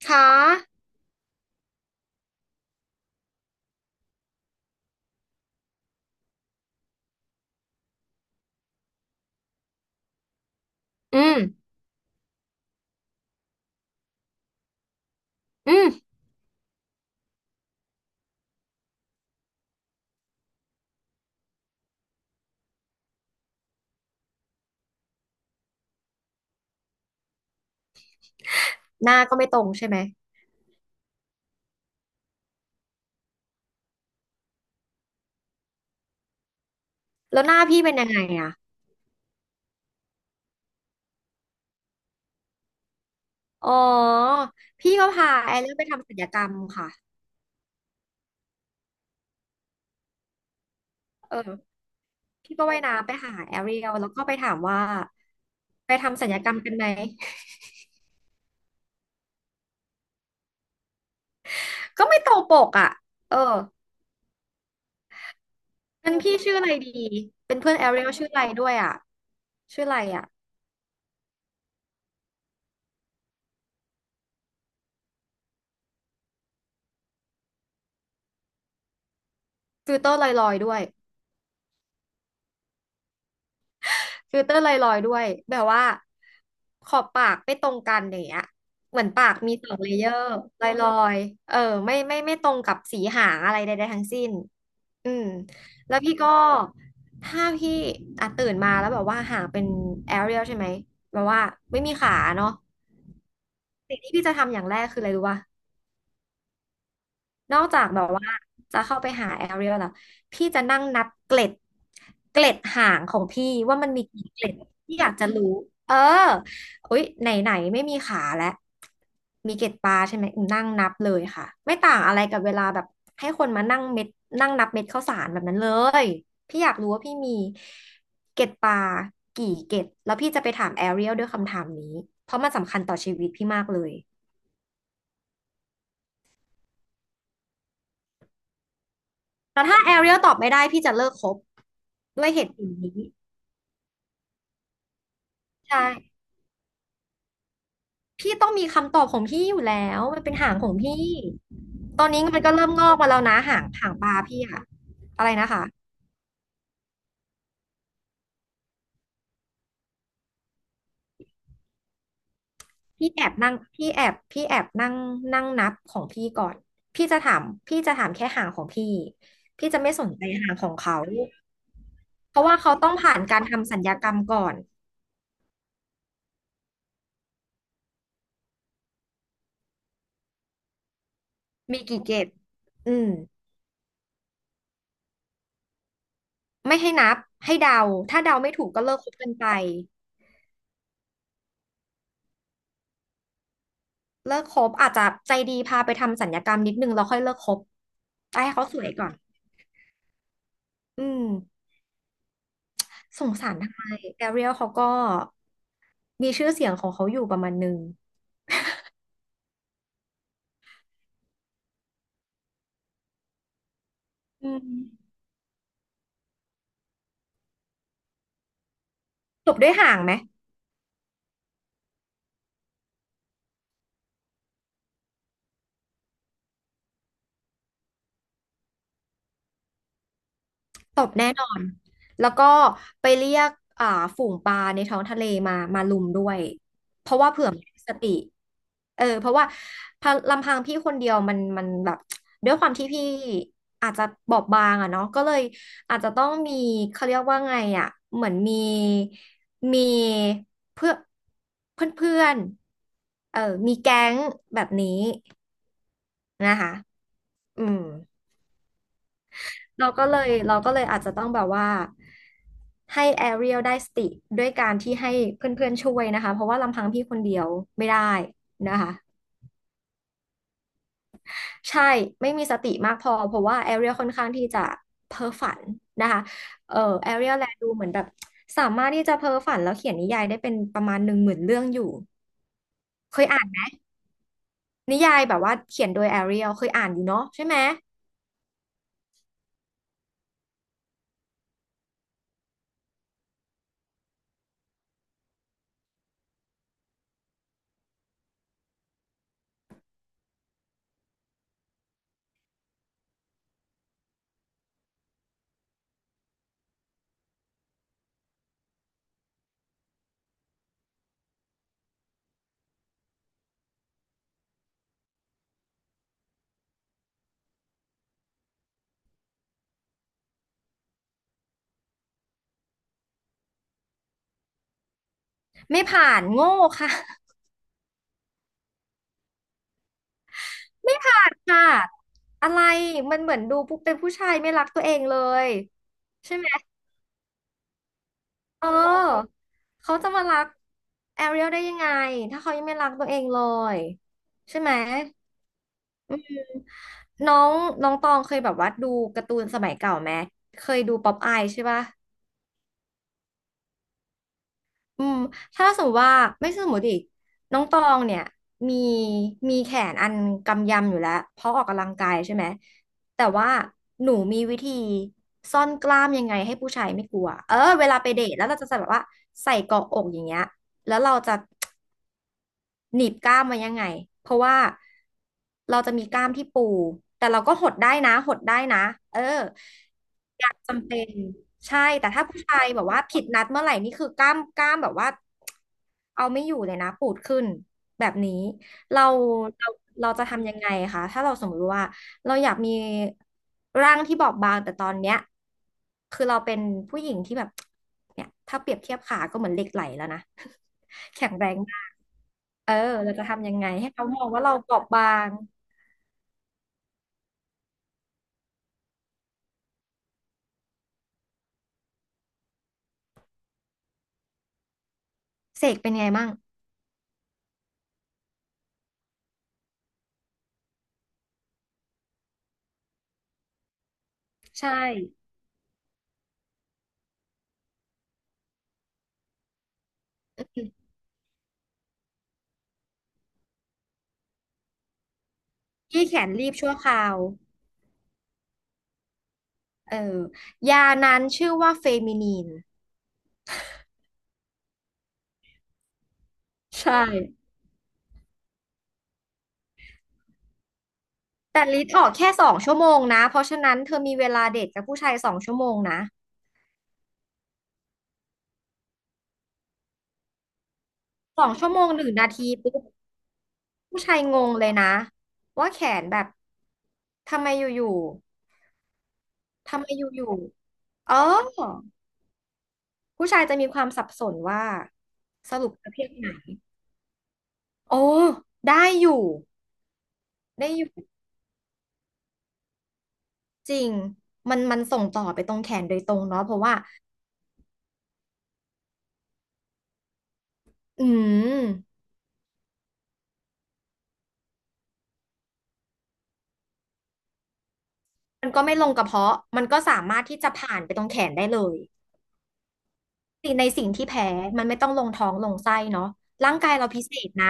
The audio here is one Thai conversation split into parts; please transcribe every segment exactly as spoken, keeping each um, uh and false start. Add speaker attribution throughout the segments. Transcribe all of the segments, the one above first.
Speaker 1: ขาอืมอืมหน้าก็ไม่ตรงใช่ไหม แล้วหน้าพี่เป็นยังไงอ่ะอ๋อพี่ก็พาแอเรียลไปทำศัลยกรรมค่ะเออพี่ก็ว่ายน้ำไปหาแอเรียลแล้วก็ไปถามว่าไปทำศัลยกรรมกันไหม ก็ไม่ตรงปกอ่ะเออเป็นพี่ชื่ออะไรดีเป็นเพื่อนแอเรียลชื่ออะไรด้วยอ่ะชื่ออะไรอ่ะฟิลเตอร์ลอยๆด้วย ฟิลเตอร์ไลลอยด์ด้วยแบบว่าขอบปากไม่ตรงกันอย่างเงี้ยเหมือนปากมีสองเลเยอร์ไลอยลอยด์เออไม่ไม่ไม่ตรงกับสีหางอะไรใดๆทั้งสิ้นอืมแล้วพี่ก็ถ้าพี่อ่ะตื่นมาแล้วแบบว่าหางเป็นแอเรียลใช่ไหมแบบว่าไม่มีขาเนาะสิ่งที่พี่จะทำอย่างแรกคืออะไรรู้ป่ะ นอกจากแบบว่าจะเข้าไปหาแอเรียลแล้วพี่จะนั่งนับเกล็ดเกล็ดหางของพี่ว่ามันมีกี่เกล็ดที่อยากจะรู้เอออุ๊ยไหนไหนไม่มีขาแล้วมีเกล็ดปลาใช่ไหมอืมนั่งนับเลยค่ะไม่ต่างอะไรกับเวลาแบบให้คนมานั่งเม็ดนั่งนับเม็ดข้าวสารแบบนั้นเลยพี่อยากรู้ว่าพี่มีเกล็ดปลากี่เกล็ดแล้วพี่จะไปถามแอเรียลด้วยคำถามนี้เพราะมันสำคัญต่อชีวิตพี่มากเลย แต่ถ้าแอเรียลตอบไม่ได้พี่จะเลิกคบด้วยเหตุผลนี้ใช่พี่ต้องมีคำตอบของพี่อยู่แล้วมันเป็นหางของพี่ตอนนี้มันก็เริ่มงอกมาแล้วนะหางหางปลาพี่อะอะไรนะคะพี่แอบนั่งพี่แอบพี่แอบนั่งนั่งนับของพี่ก่อนพี่จะถามพี่จะถามแค่หางของพี่พี่จะไม่สนใจหางของเขาเพราะว่าเขาต้องผ่านการทำสัญญากรรมก่อนมีกี่เกตอืมไม่ให้นับให้เดาถ้าเดาไม่ถูกก็เลิกคบกันไป เลิกคบอาจจะใจดีพาไปทำสัญญกรรมนิดนึงแล้วค่อยเลิกคบให้เขาสวยก่อนอืมสงสารทำไมแอเรียลเขาก็มีชื่อเสียงของเขาอยู่ประมาณนึงอืมจบด้วยห่างไหม ตบแน่นอน แล้วก็ไปเรียกอ่าฝูงปลาในท้องทะเลมามาลุมด้วย เพราะว่าเผื่อไมมีสติเออเพราะว่าพะลำพังพี่คนเดียวมันมันแบบด้วยความที่พี่อาจจะบอบบางอะเนาะก็เลยอาจจะต้องมีเขาเรียกว่าไงอะเหมือนมีมีเพื่อเพื่อนเพื่อนๆเออมีแก๊งแบบนี้นะคะอืม เราก็เลยเราก็เลยอาจจะต้องแบบว่าให้แอเรียลได้สติด้วยการที่ให้เพื่อนๆช่วยนะคะเพราะว่าลำพังพี่คนเดียวไม่ได้นะคะใช่ไม่มีสติมากพอเพราะว่าแอเรียลค่อนข้างที่จะเพ้อฝันนะคะเอ่อแอเรียลแลดูเหมือนแบบสามารถที่จะเพ้อฝันแล้วเขียนนิยายได้เป็นประมาณหนึ่งหมื่นเรื่องอยู่เคยอ่านไหมนิยายแบบว่าเขียนโดยแอเรียลเคยอ่านอยู่เนาะใช่ไหมไม่ผ่านโง่ค่ะ ไม่ผ่านค่ะอะไรมันเหมือนดูปุ๊บเป็นผู้ชายไม่รักตัวเองเลยใช่ไหมเออเขาจะมารักแอเรียลได้ยังไงถ้าเขายังไม่รักตัวเองเลยใช่ไหมน้องน้องตองเคยแบบว่าดูการ์ตูนสมัยเก่าไหมเคยดูป๊อปอายใช่ปะ อืมถ้าสมมติว่าไม่สมมติอีกน้องตองเนี่ยมีมีแขนอันกำยำอยู่แล้วเพราะออกกำลังกายใช่ไหมแต่ว่าหนูมีวิธีซ่อนกล้ามยังไงให้ผู้ชายไม่กลัวเออเวลาไปเดทแล้วเราจะแบบว่าใส่เกาะอกอย่างเงี้ยแล้วเราจะ หนีบกล้ามไว้ยังไง เพราะว่าเราจะมีกล้ามที่ปูแต่เราก็หดได้นะหดได้นะเอออยากจำเป็นใช่แต่ถ้าผู้ชายแบบว่าผิดนัดเมื่อไหร่นี่คือกล้ามกล้ามแบบว่าเอาไม่อยู่เลยนะปูดขึ้นแบบนี้เราเราเราจะทำยังไงคะถ้าเราสมมติว่าเราอยากมีร่างที่บอบบางแต่ตอนเนี้ยคือเราเป็นผู้หญิงที่แบบเนี่ยถ้าเปรียบเทียบขาก็เหมือนเหล็กไหลแล้วนะ แข็งแรง เออเราจะทำยังไงให้เขามองว่าเราเปราะบางเสกเป็นไงมั่งใช่ที่แขนรีบชั่วคราวเออยานั้นชื่อว่าเฟมินีนใช่แต่ลิ์ออกแค่สองชั่วโมงนะเพราะฉะนั้นเธอมีเวลาเดทกับผู้ชายสองชั่วโมงนะสองชั่วโมงหนึ่งนาทีปุ๊บผู้ชายงงเลยนะว่าแขนแบบทำไมอยู่ๆทำไมอยู่ๆเออผู้ชายจะมีความสับสนว่าสรุปประเภทไหนโอ้ได้อยู่ ได้อยู่จริงมันมันส่งต่อไปตรงแขนโดยตรงเนาะเพราะว่าอืมมันก็ไม่ลงกระเพาะ มันก็สามารถที่จะผ่านไปตรงแขนได้เลยสิ่งในสิ่งที่แพ้มันไม่ต้องลงท้องลงไส้เนาะร่างกายเราพิเศษนะ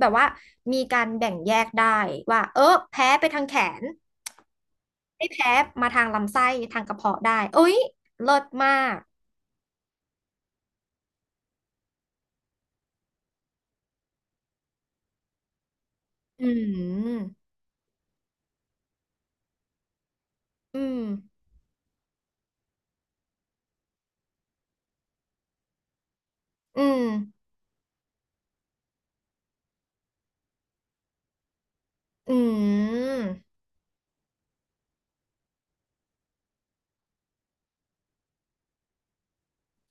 Speaker 1: แบบว่ามีการแบ่งแยกได้ว่าเออ แพ้ไปทางแขนไม่แพ้มาทางลำไส้ทางกระเพาะได้เอ้ยเลิศมากอืมอืมอืมอืม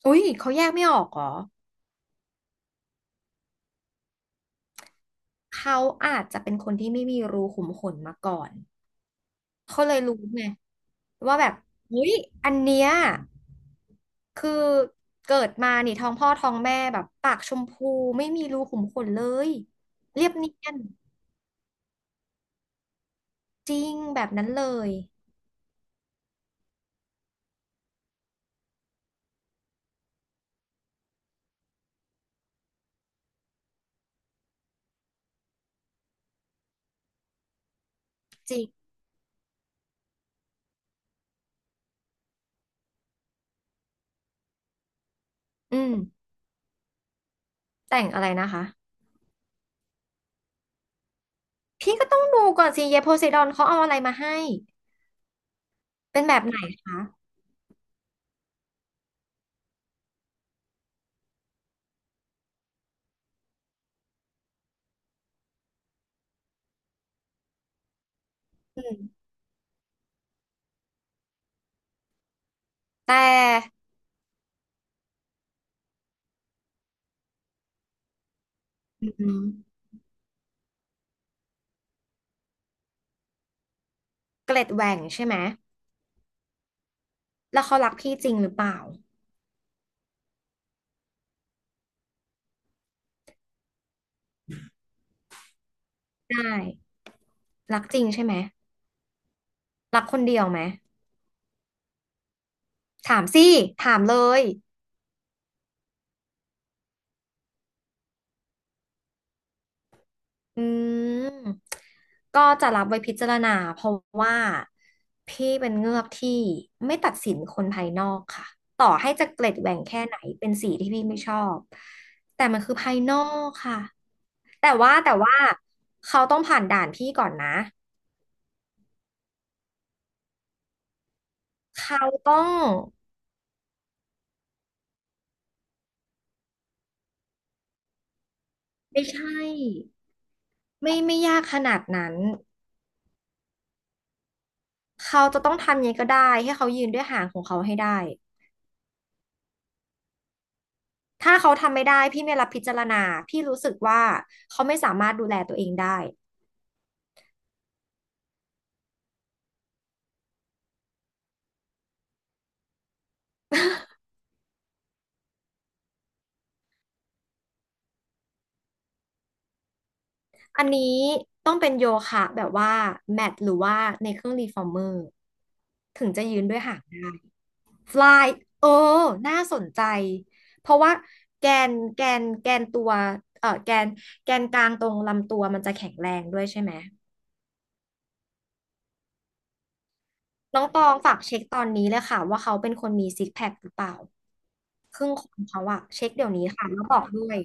Speaker 1: อุ้ยเขาแยกไม่ออกเหรอ เขาอาจจะเป็นคนที่ไม่มีรูขุมขนมาก่อนเขาเลยรู้ไงว่าแบบเฮ้ยอันเนี้ยคือเกิดมานี่ท้องพ่อท้องแม่แบบปากชมพูไม่มีรูขุมขนเลยเรียบเนียนจริงแบบนั้นเลยจริงอืมแต่งอะไรนะคะพี่ก็ต้องดูก่อนสิเยโพไซดอนเขาเอาอะไรมาให้เป็นแบบไหนคะอืมแต่อืมเกล็ดแหว่งใช่ไหมแล้วเขารักพี่จริงหรือเปล่าได้ รักจริงใช่ไหมรักคนเดียวไหมถามสิถามเลยอืมก็จะรับไว้พิจารณาเพราะว่าพี่เป็นเงือกที่ไม่ตัดสินคนภายนอกค่ะต่อให้จะเกล็ดแหว่งแค่ไหนเป็นสีที่พี่ไม่ชอบแต่มันคือภายนอกค่ะแต่ว่าแต่ว่าเขาต้องผ่านด่านพี่ก่อนนะเขาต้องไม่ใช่ไม่ไม่ยากขนาดนั้นเขาจะต้องทำยังไงก็ได้ให้เขายืนด้วยหางของเขาให้ได้ ถ้าเขาทำไม่ได้พี่ไม่รับพิจารณาพี่รู้สึกว่าเขาไม่สามารถดูแลตัวเองได้ อันนี้ต้องเป็นโยคะแบบว่าแมทหรือว่าในเครื่องรีฟอร์เมอร์ถึงจะยืนด้วยหางฟลายเออน่าสนใจเพราะว่าแกนแกนแกนตัวเออแกนแกนกลางตรงลำตัวมันจะแข็งแรงด้วยใช่ไหมน้องตองฝากเช็คตอนนี้เลยค่ะว่าเขาเป็นคนมีซิกแพคหรือเปล่าครึ่งคนเขาอะเช็คเดี๋ยวนี้ค่ะแล้วบอกด้วย